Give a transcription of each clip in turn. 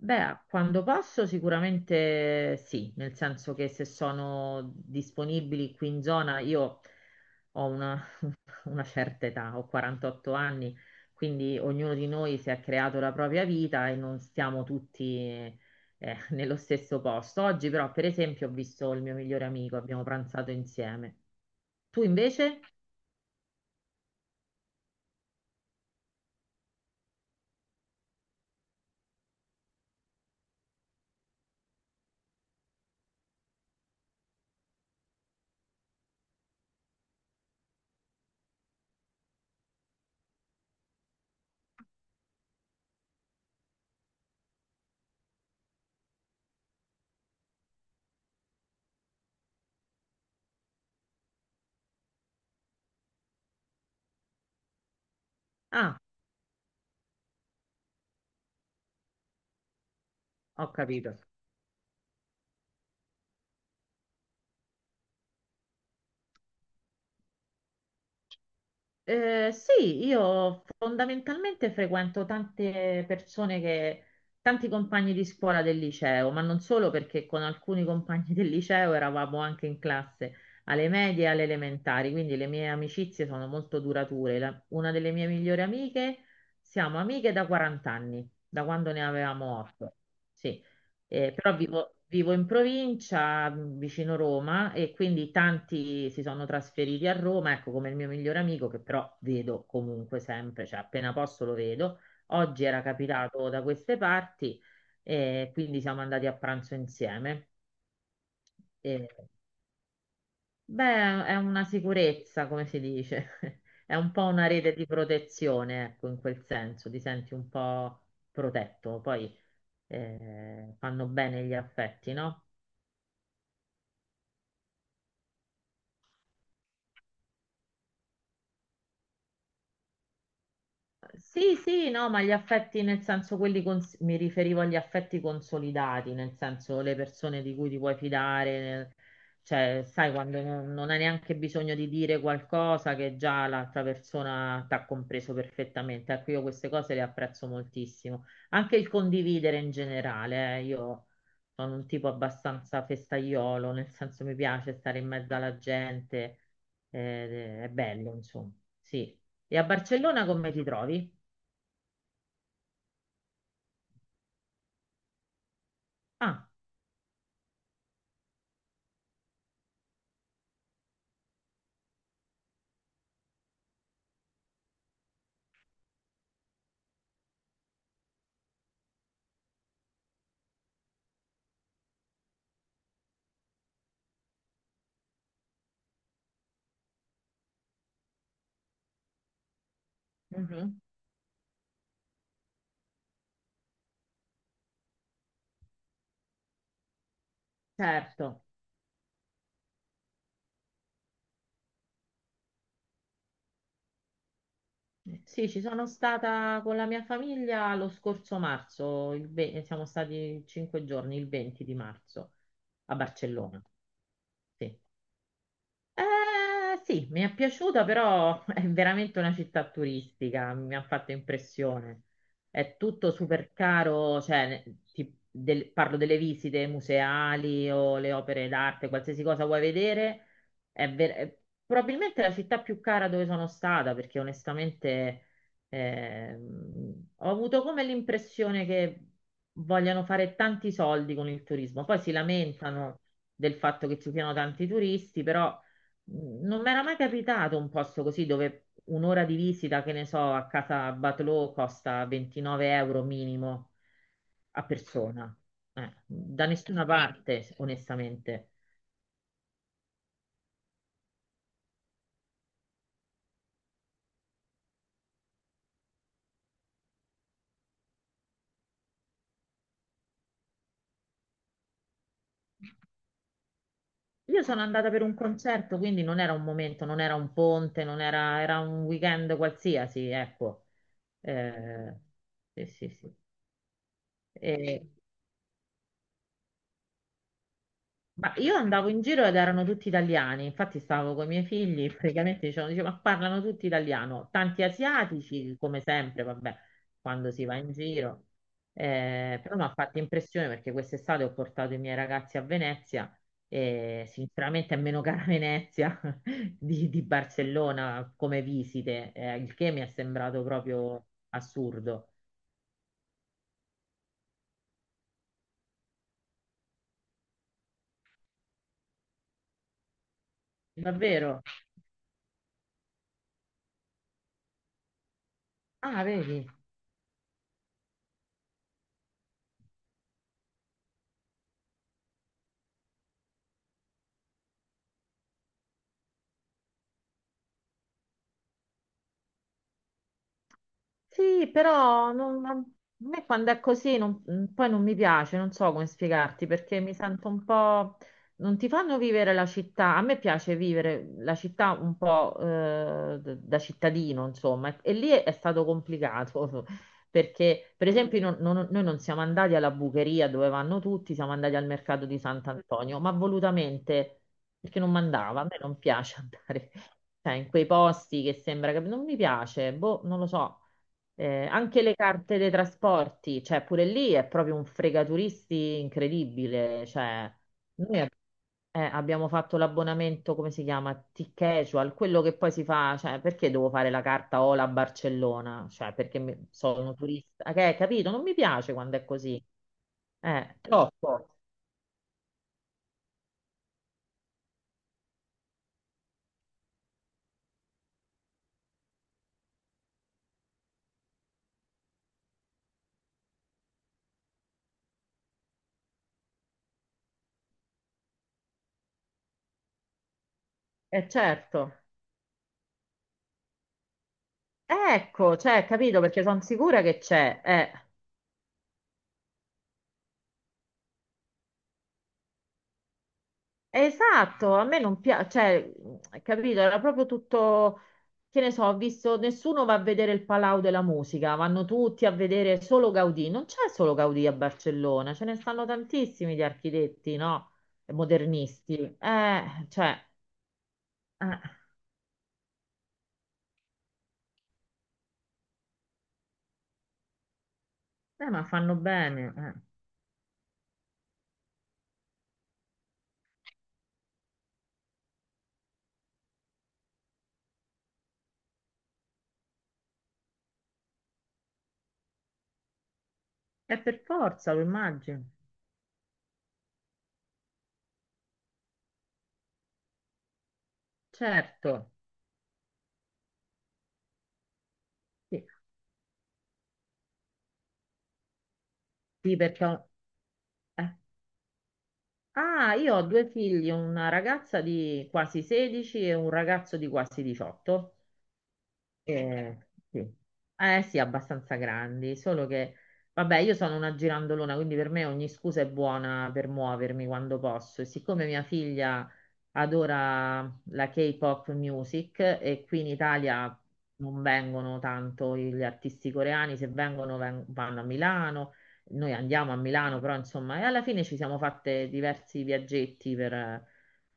Beh, quando posso sicuramente sì, nel senso che se sono disponibili qui in zona, io ho una, una certa età, ho 48 anni, quindi ognuno di noi si è creato la propria vita e non stiamo tutti nello stesso posto. Oggi però, per esempio, ho visto il mio migliore amico, abbiamo pranzato insieme. Tu invece? Ah, ho capito. Sì, io fondamentalmente frequento tante persone che, tanti compagni di scuola del liceo, ma non solo perché con alcuni compagni del liceo eravamo anche in classe alle medie e alle elementari, quindi le mie amicizie sono molto durature. Una delle mie migliori amiche, siamo amiche da 40 anni, da quando ne avevamo 8. Però vivo in provincia, vicino Roma, e quindi tanti si sono trasferiti a Roma, ecco come il mio migliore amico, che però vedo comunque sempre, cioè appena posso lo vedo. Oggi era capitato da queste parti, e quindi siamo andati a pranzo insieme. E, beh, è una sicurezza, come si dice, è un po' una rete di protezione, ecco, in quel senso, ti senti un po' protetto. Poi fanno bene gli affetti, no? Sì, sì, no, ma gli affetti nel senso quelli mi riferivo agli affetti consolidati, nel senso le persone di cui ti puoi fidare, cioè sai quando non hai neanche bisogno di dire qualcosa che già l'altra persona ti ha compreso perfettamente. Ecco, io queste cose le apprezzo moltissimo. Anche il condividere in generale, io sono un tipo abbastanza festaiolo, nel senso mi piace stare in mezzo alla gente, è bello, insomma, sì. E a Barcellona come ti trovi? Ah, mhm, certo. Sì, ci sono stata con la mia famiglia lo scorso marzo, siamo stati 5 giorni, il 20 di marzo, a Barcellona. Sì. Sì, mi è piaciuta, però è veramente una città turistica, mi ha fatto impressione. È tutto super caro, cioè, parlo delle visite museali o le opere d'arte, qualsiasi cosa vuoi vedere, è probabilmente la città più cara dove sono stata, perché onestamente ho avuto come l'impressione che vogliano fare tanti soldi con il turismo, poi si lamentano del fatto che ci siano tanti turisti, però non mi era mai capitato un posto così dove un'ora di visita, che ne so, a casa Batlló costa 29 € minimo a persona. Da nessuna parte, onestamente. Io sono andata per un concerto, quindi non era un momento, non era un ponte, non era, era un weekend qualsiasi, ecco. Eh, sì, sì, sì. Ma io andavo in giro ed erano tutti italiani, infatti stavo con i miei figli, praticamente dicevano, dicevo, ma parlano tutti italiano, tanti asiatici, come sempre, vabbè, quando si va in giro. Però mi ha fatto impressione perché quest'estate ho portato i miei ragazzi a Venezia e sinceramente è meno cara Venezia di Barcellona come visite, il che mi è sembrato proprio assurdo. Davvero? Ah, vedi? Sì, però a me quando è così poi non mi piace, non so come spiegarti perché mi sento un po'... Non ti fanno vivere la città, a me piace vivere la città un po' da cittadino, insomma, e lì è stato complicato perché, per esempio, noi non siamo andati alla bucheria dove vanno tutti, siamo andati al mercato di Sant'Antonio, ma volutamente perché non mandava, a me non piace andare cioè, in quei posti che sembra che non mi piace, boh, non lo so. Anche le carte dei trasporti, cioè pure lì è proprio un fregaturisti incredibile. Cioè, noi abbiamo fatto l'abbonamento, come si chiama? T-Casual, quello che poi si fa, cioè, perché devo fare la carta Ola a Barcellona? Cioè, perché sono turista. Che, capito? Non mi piace quando è così. Troppo. Certo. Ecco, cioè, capito, perché sono sicura che c'è. Esatto, a me non piace, cioè, capito, era proprio tutto, che ne so, ho visto, nessuno va a vedere il Palau della Musica, vanno tutti a vedere solo Gaudì, non c'è solo Gaudì a Barcellona, ce ne stanno tantissimi di architetti, no? E Modernisti, cioè, eh, ma fanno bene, eh. È per forza, lo immagino, certo, sì, sì, perché... eh. Ah, io ho due figli, una ragazza di quasi 16 e un ragazzo di quasi 18. Eh, sì. Eh sì, abbastanza grandi, solo che, vabbè, io sono una girandolona, quindi per me ogni scusa è buona per muovermi quando posso. E siccome mia figlia adora la K-pop music e qui in Italia non vengono tanto gli artisti coreani, se vengono vanno a Milano noi andiamo a Milano, però insomma, e alla fine ci siamo fatte diversi viaggetti per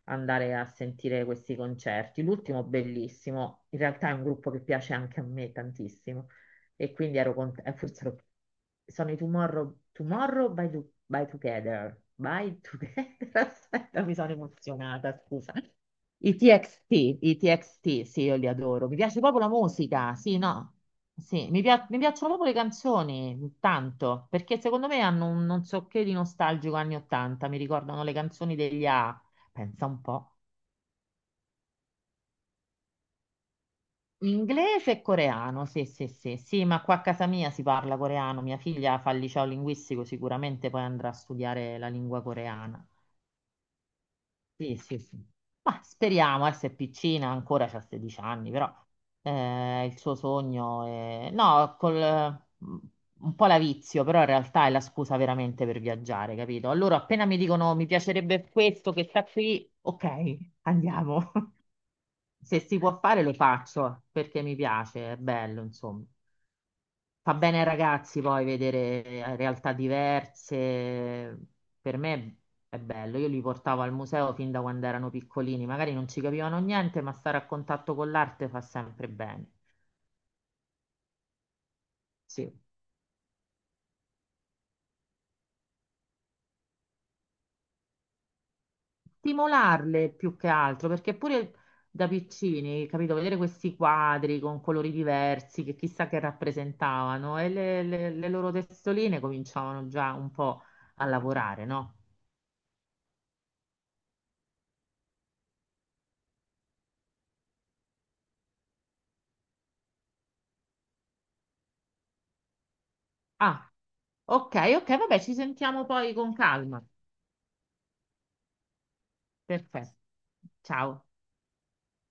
andare a sentire questi concerti. L'ultimo bellissimo, in realtà è un gruppo che piace anche a me tantissimo e quindi ero contenta, forse sono i Tomorrow, Tomorrow by, by Together. By Together, aspetta, mi sono emozionata, scusa. I TXT, i TXT, sì, io li adoro. Mi piace proprio la musica, sì, no. Sì, mi piacciono proprio le canzoni, tanto, perché secondo me hanno un non so che di nostalgico anni 80, mi ricordano le canzoni degli A, pensa un po'. Inglese e coreano, sì, sì, sì, sì, ma qua a casa mia si parla coreano, mia figlia fa il liceo linguistico, sicuramente poi andrà a studiare la lingua coreana. Sì, sì, sì. Ma speriamo, se è piccina, ancora c'ha 16 anni, però il suo sogno è... No, un po' la vizio, però in realtà è la scusa veramente per viaggiare, capito? Allora, appena mi dicono mi piacerebbe questo che sta qui, ok, andiamo. Se si può fare lo faccio, perché mi piace, è bello, insomma. Fa bene ai ragazzi poi vedere realtà diverse. Per me è bello. Io li portavo al museo fin da quando erano piccolini, magari non ci capivano niente, ma stare a contatto con l'arte fa sempre bene. Sì. Stimolarle più che altro, perché pure da piccini, capito, vedere questi quadri con colori diversi che chissà che rappresentavano e le loro testoline cominciavano già un po' a lavorare, no? Ah, ok, ok, vabbè, ci sentiamo poi con calma. Perfetto. Ciao.